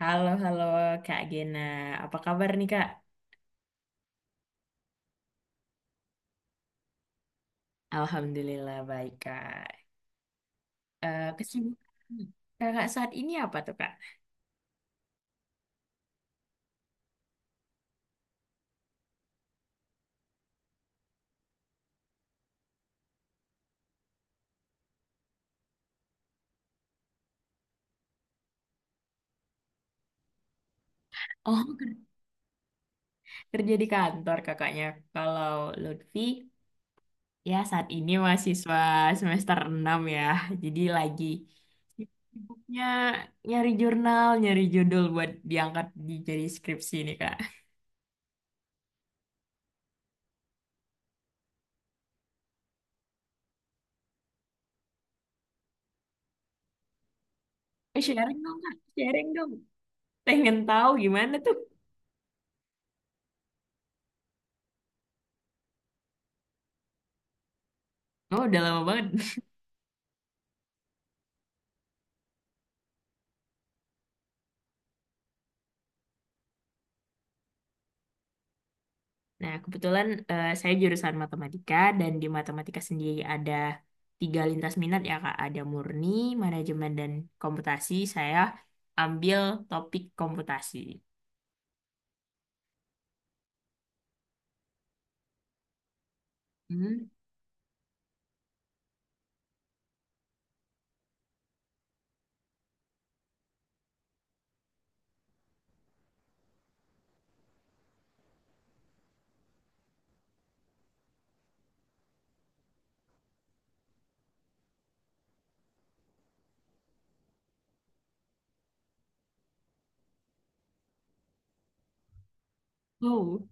Halo, halo Kak Gena. Apa kabar nih Kak? Alhamdulillah baik Kak. Kesibukan Kakak saat ini apa tuh Kak? Oh, kerja di kantor kakaknya. Kalau Lutfi, ya saat ini mahasiswa semester 6 ya. Jadi lagi sibuknya nyari jurnal, nyari judul buat diangkat di jadi skripsi nih Kak. Sharing dong Kak, sharing dong. Pengen tahu gimana tuh? Oh, udah lama banget. Nah, kebetulan saya jurusan matematika dan di matematika sendiri ada tiga lintas minat ya Kak. Ada murni, manajemen, dan komputasi. Saya ambil topik komputasi. Hmm. Wow.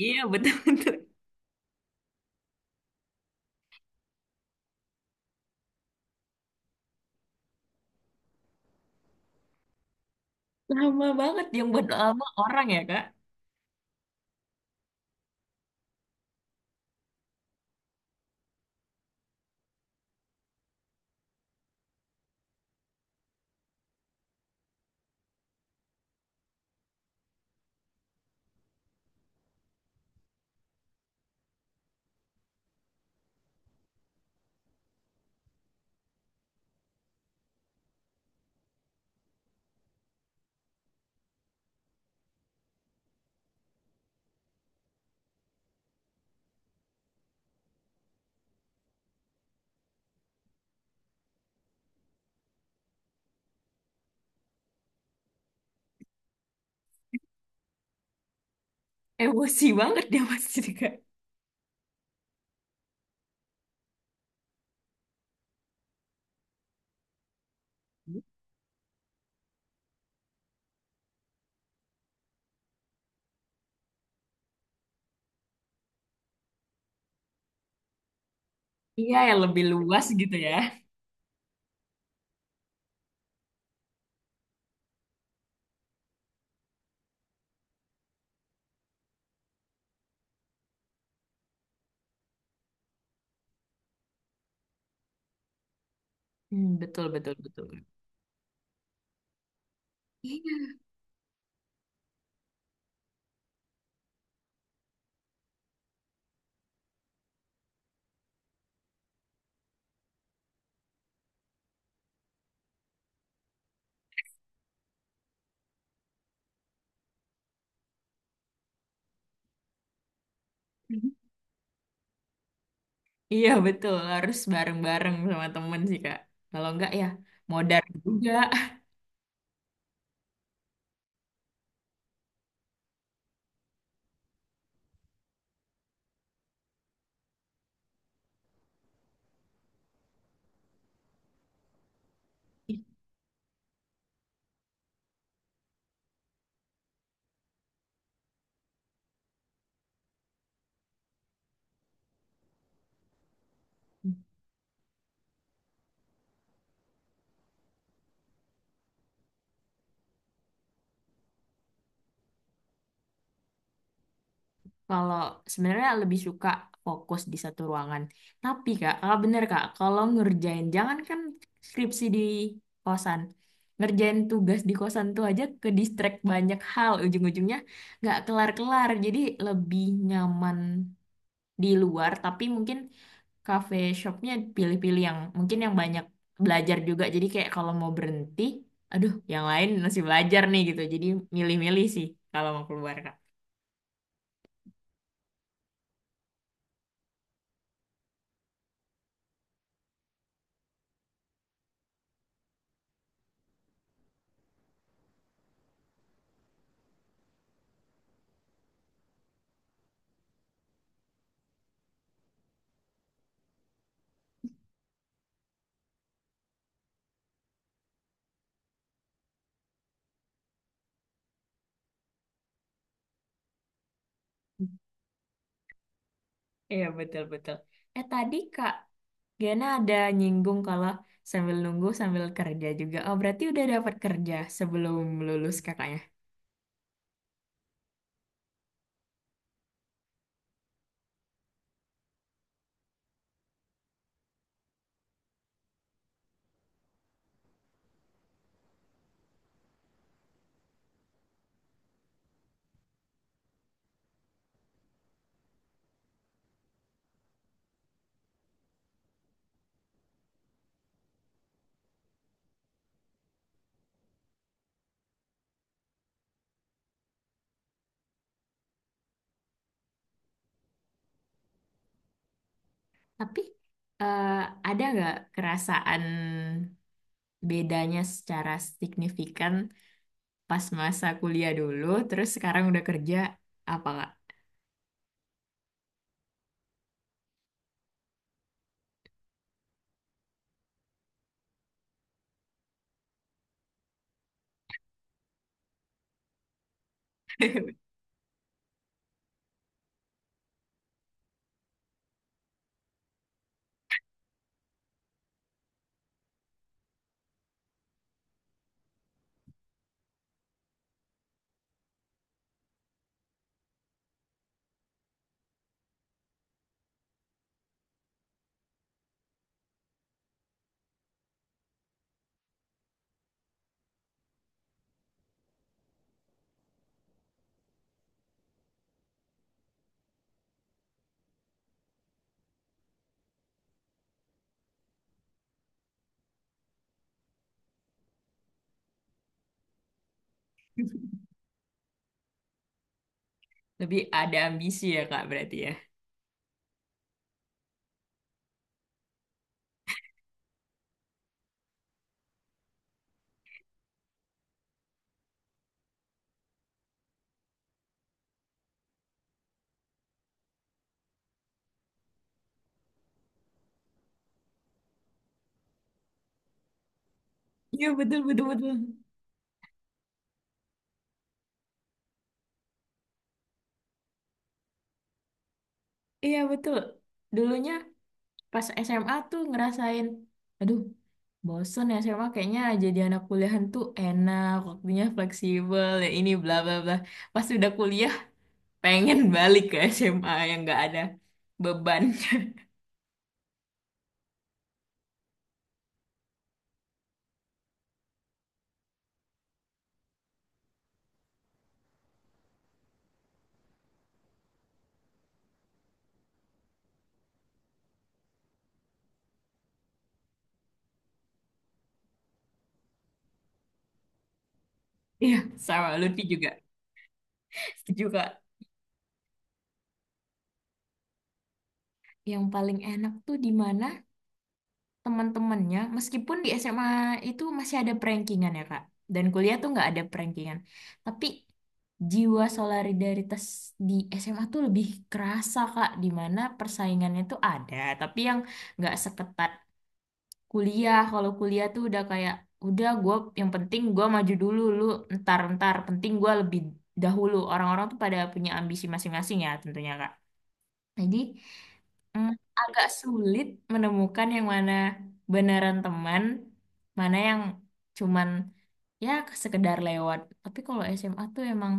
Iya, betul-betul. Lama banget yang buat lama orang ya Kak. Emosi banget dia pasti Kak. Iya, yang lebih luas gitu ya. Hmm, betul, betul, betul. Iya. Iya, betul. Harus bareng-bareng sama temen sih Kak. Kalau enggak ya modar juga. Kalau sebenarnya lebih suka fokus di satu ruangan. Tapi Kak, kalau bener Kak, kalau ngerjain jangan kan skripsi di kosan. Ngerjain tugas di kosan tuh aja ke distract banyak hal ujung-ujungnya nggak kelar-kelar. Jadi lebih nyaman di luar, tapi mungkin cafe shopnya pilih-pilih yang mungkin yang banyak belajar juga. Jadi kayak kalau mau berhenti, aduh yang lain masih belajar nih gitu. Jadi milih-milih sih kalau mau keluar Kak. Iya, betul-betul. Tadi Kak Gena ada nyinggung kalau sambil nunggu sambil kerja juga. Oh, berarti udah dapat kerja sebelum lulus kakaknya. Tapi eh, ada nggak kerasaan bedanya secara signifikan pas masa kuliah dulu, terus sekarang udah kerja, apa Kak? Lebih ada ambisi ya Kak berarti ya? Iya, betul-betul. Betul, betul, betul. Iya, betul. Dulunya pas SMA tuh ngerasain, aduh, bosen ya SMA kayaknya jadi anak kuliahan tuh enak, waktunya fleksibel, ya ini bla bla bla. Pas udah kuliah, pengen balik ke SMA yang nggak ada beban. Iya, sama Lutfi juga. Setuju, Kak. Yang paling enak tuh di mana teman-temannya meskipun di SMA itu masih ada prankingan ya Kak, dan kuliah tuh nggak ada prankingan, tapi jiwa solidaritas di SMA tuh lebih kerasa Kak, di mana persaingannya tuh ada tapi yang nggak seketat kuliah. Kalau kuliah tuh udah kayak udah gue, yang penting gue maju dulu, lu ntar, ntar penting gue lebih dahulu. Orang-orang tuh pada punya ambisi masing-masing ya tentunya Kak, jadi hmm, agak sulit menemukan yang mana beneran teman, mana yang cuman ya sekedar lewat. Tapi kalau SMA tuh emang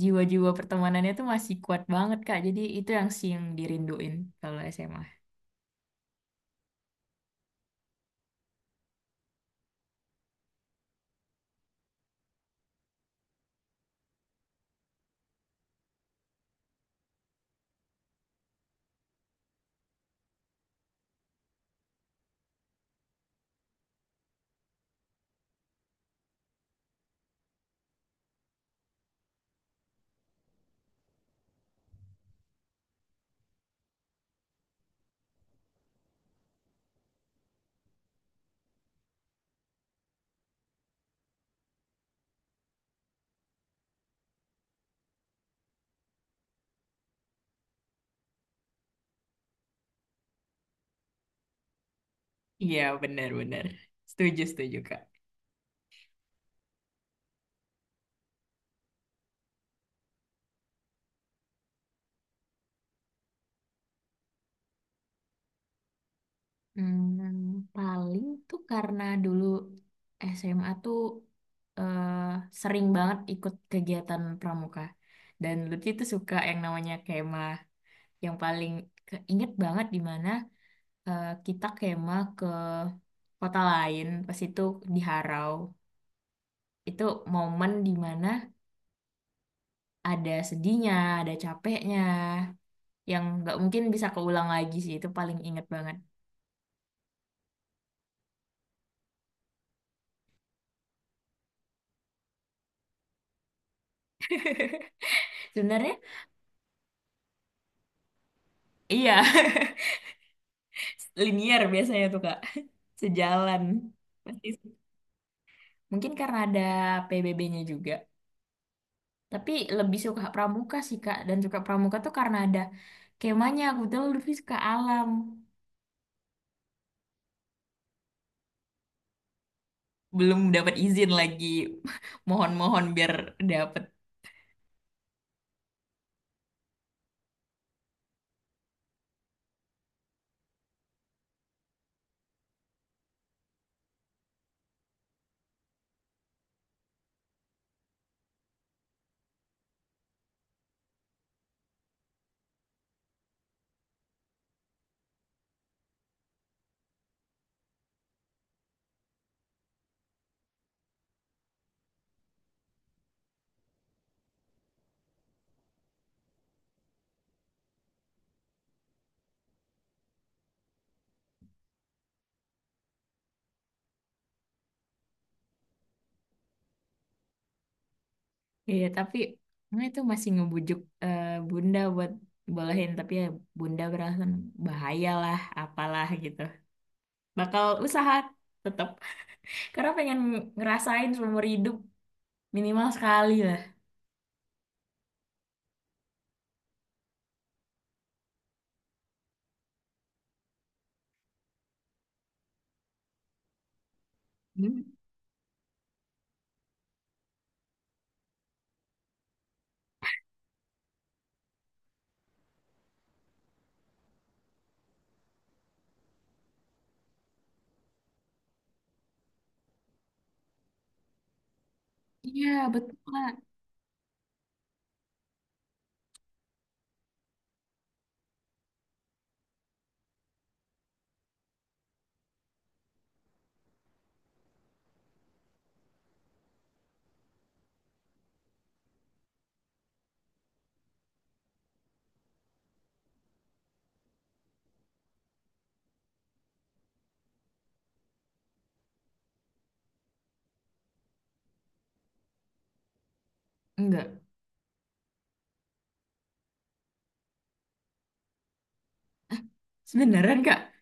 jiwa-jiwa pertemanannya tuh masih kuat banget, Kak. Jadi itu yang sih yang dirinduin kalau SMA. Iya, benar-benar. Setuju, setuju, Kak. Hmm, paling tuh karena dulu SMA tuh eh, sering banget ikut kegiatan pramuka. Dan Lutfi tuh suka yang namanya kema. Yang paling keinget banget di mana kita kemah ke kota lain pas itu di Harau. Itu momen di mana ada sedihnya, ada capeknya, yang nggak mungkin bisa keulang lagi sih. Itu paling inget banget. Sebenarnya iya. Linear biasanya tuh kak, sejalan pasti sih. Mungkin karena ada PBB-nya juga, tapi lebih suka pramuka sih kak, dan suka pramuka tuh karena ada kemahnya. Aku tuh lebih suka alam. Belum dapat izin lagi. Mohon-mohon biar dapat. Iya, tapi nah itu masih ngebujuk bunda buat bolehin, tapi ya bunda beralasan bahaya lah apalah gitu. Bakal usaha tetap, karena pengen ngerasain seumur hidup minimal sekali lah. Hmm, iya betul kak. Enggak. Sebeneran kak.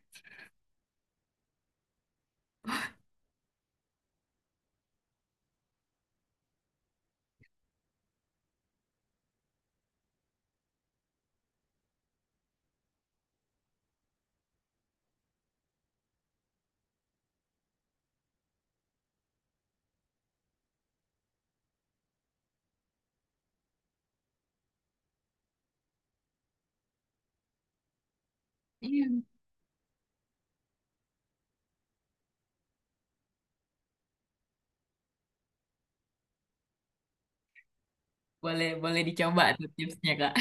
Iya, boleh boleh dicoba tuh tipsnya kak.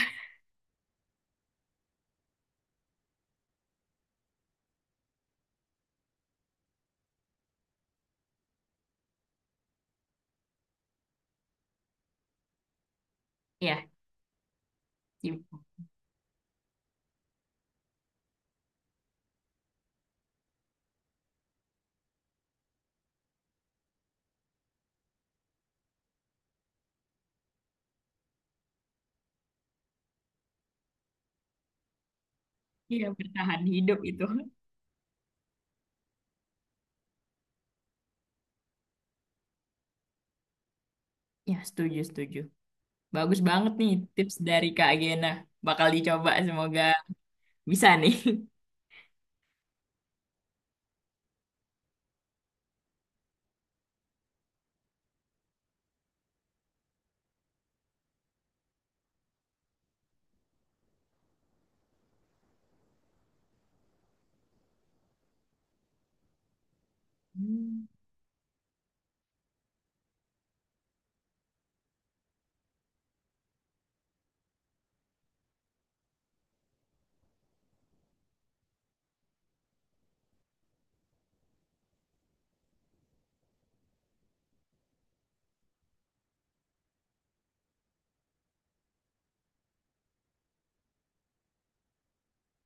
Iya, sibuk. Iya, bertahan hidup itu. Ya, setuju, setuju. Bagus banget nih tips dari Kak Gena. Bakal dicoba, semoga bisa nih. Hmm.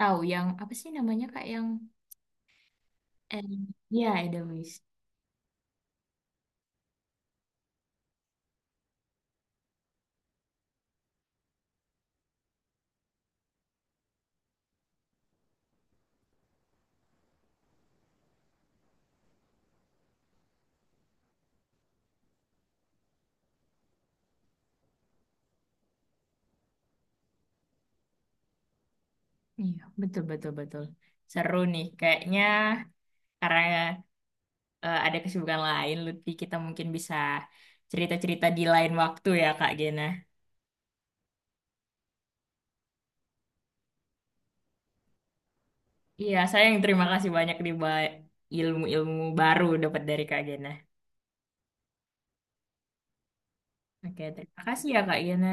Tahu, yang apa sih namanya Kak yang eh, ya Edelweiss. Iya, betul betul betul. Seru nih kayaknya, karena ada kesibukan lain Lutfi, kita mungkin bisa cerita-cerita di lain waktu ya Kak Gena. Iya, saya yang terima kasih banyak di ba- ilmu-ilmu baru dapat dari Kak Gena. Oke, terima kasih ya Kak Gena.